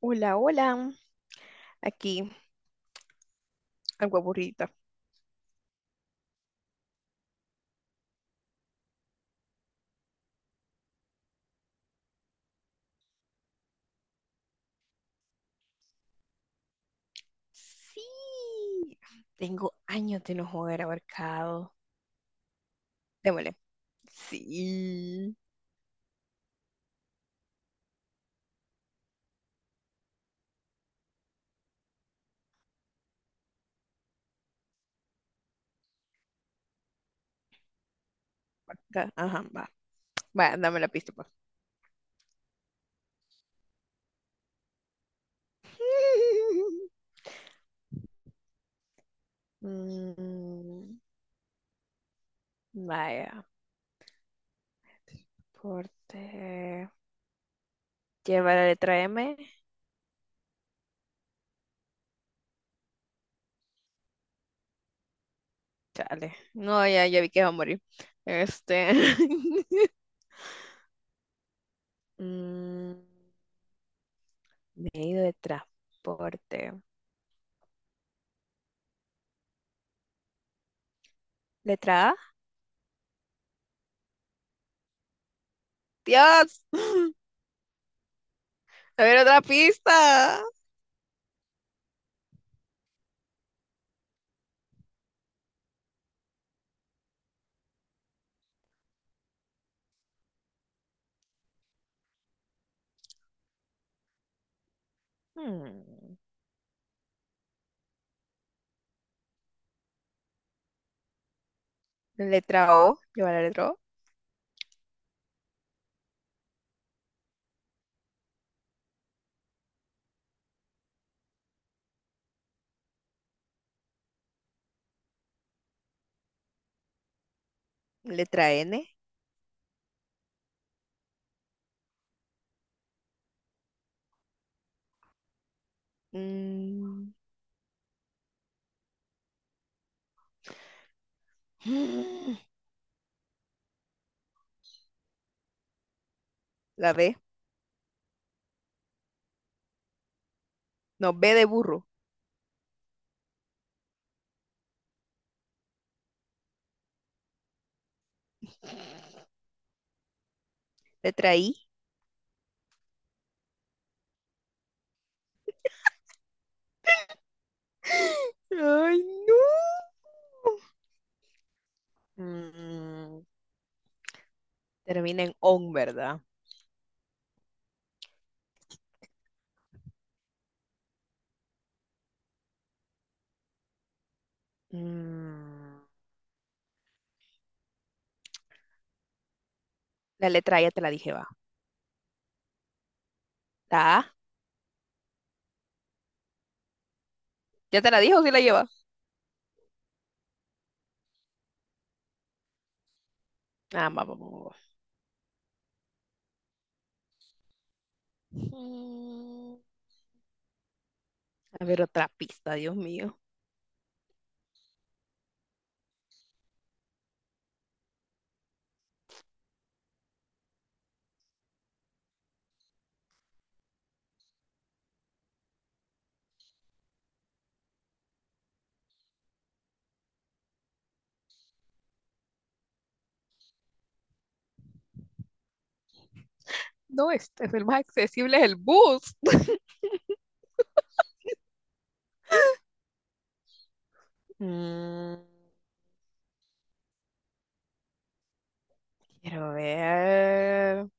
Hola, hola. Aquí, algo aburrida. Sí, tengo años de no jugar ahorcado. Démosle. Sí. Acá, ajá, va. Vaya, dame la pista, pues. Mm, vaya, porte. Lleva la letra M. Chale. No, ya, ya vi que va a morir. Este. Mm, medio de transporte. ¿Letra A? ¡Dios! A ver, otra pista. Hmm. Letra O, lleva la letra O. Letra N. Mm. La B. No, B de burro. Letra I. Ay, no. Mm. Termina en on, ¿verdad? Mm. La letra I ya te la dije, va. La A. ¿Ya te la dije o sí la lleva? Ah, vamos, vamos, vamos. Mm, A ver, otra pista, Dios mío. No, este es el más accesible, es el bus. Mm. Quiero ver.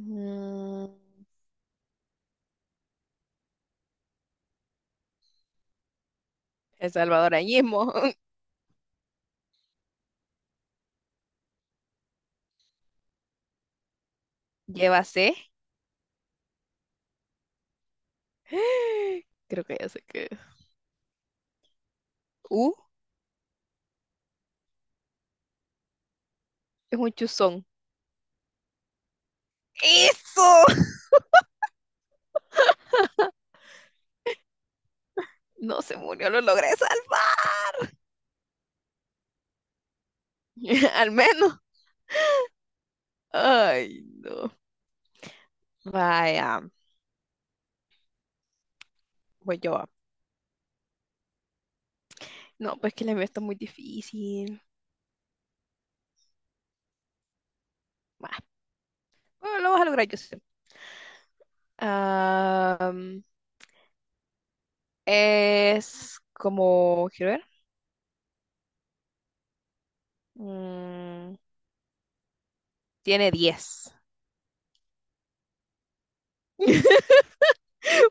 Mm, El Salvador ahí. Lleva C. Creo que ya sé qué es. U es un chuzón. ¡Eso! No se murió, lo logré salvar. Al menos. Ay, no. Vaya, voy yo. Ah. No, pues que la mía está muy difícil. Bah, bueno, lo vas a lograr, yo sé. Am, es como, quiero ver. Mm, tiene 10.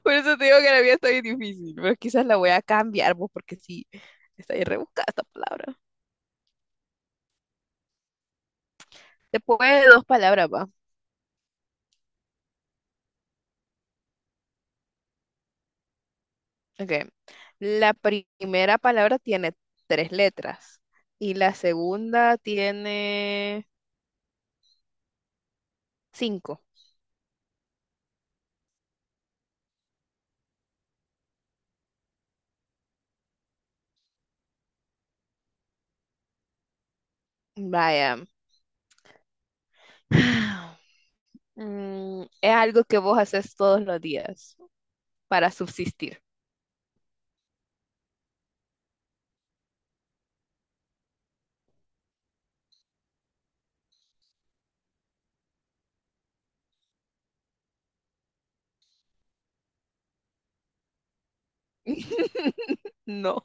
Por eso te digo que la vida está bien difícil, pero quizás la voy a cambiar, vos, porque sí, está bien rebuscada esta palabra. Después de dos palabras, va. Ok. La primera palabra tiene tres letras y la segunda tiene cinco. Vaya. Es algo que vos haces todos los días para subsistir. No,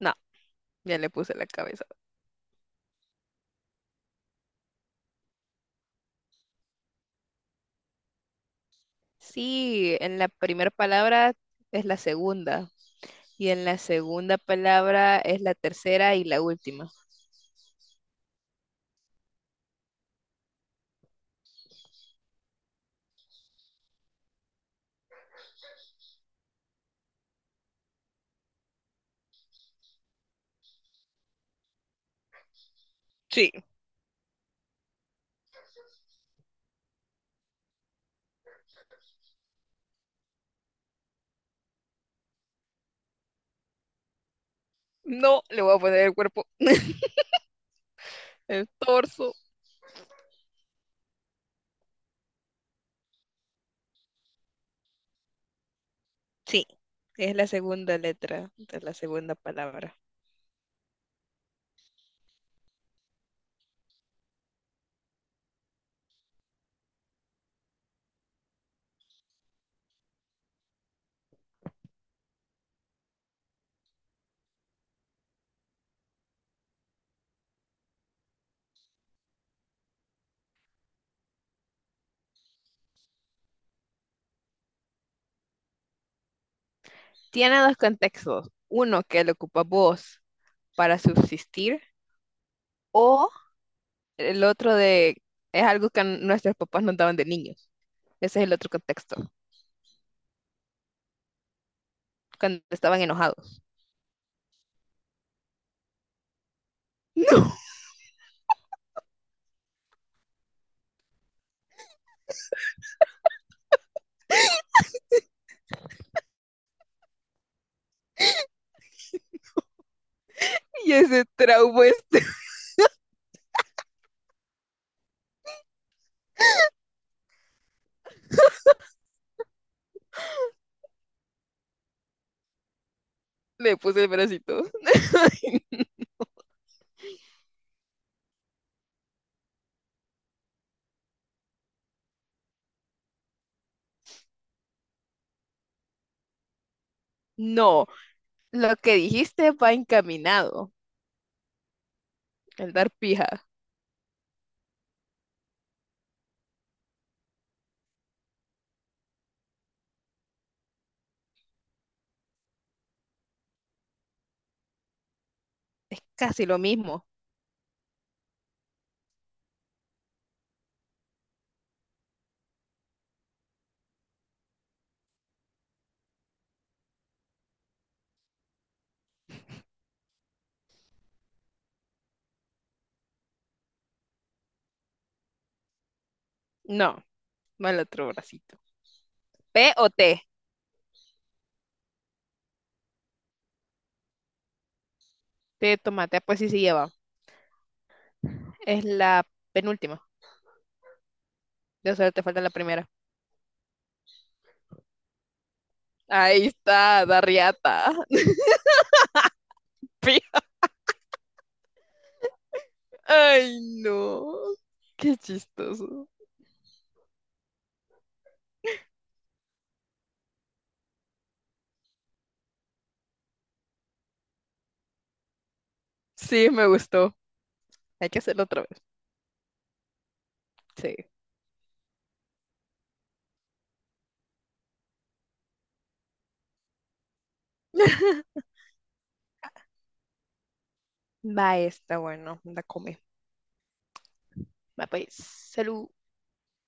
no, ya le puse la cabeza. Sí, en la primera palabra es la segunda. Y en la segunda palabra es la tercera y la última. Sí, no le voy a poner el cuerpo, el torso. Sí, es la segunda letra de la segunda palabra. Tiene dos contextos. Uno que lo ocupa vos para subsistir, o el otro de, es algo que nuestros papás nos daban de niños. Ese es el otro contexto, cuando estaban enojados. Y ese trauma, este, le puse el bracito. No, lo que dijiste va encaminado, el dar pija. Casi lo mismo. No, no el otro bracito. ¿P o T? Té de tomate, ah, pues sí se lleva. Es la penúltima. De solo te falta la primera. Ahí está, Darriata. Pi- Ay, no. Qué chistoso. Sí, me gustó. Hay que hacerlo otra vez. Sí. Va, está bueno. La come. Va, pues. Salud.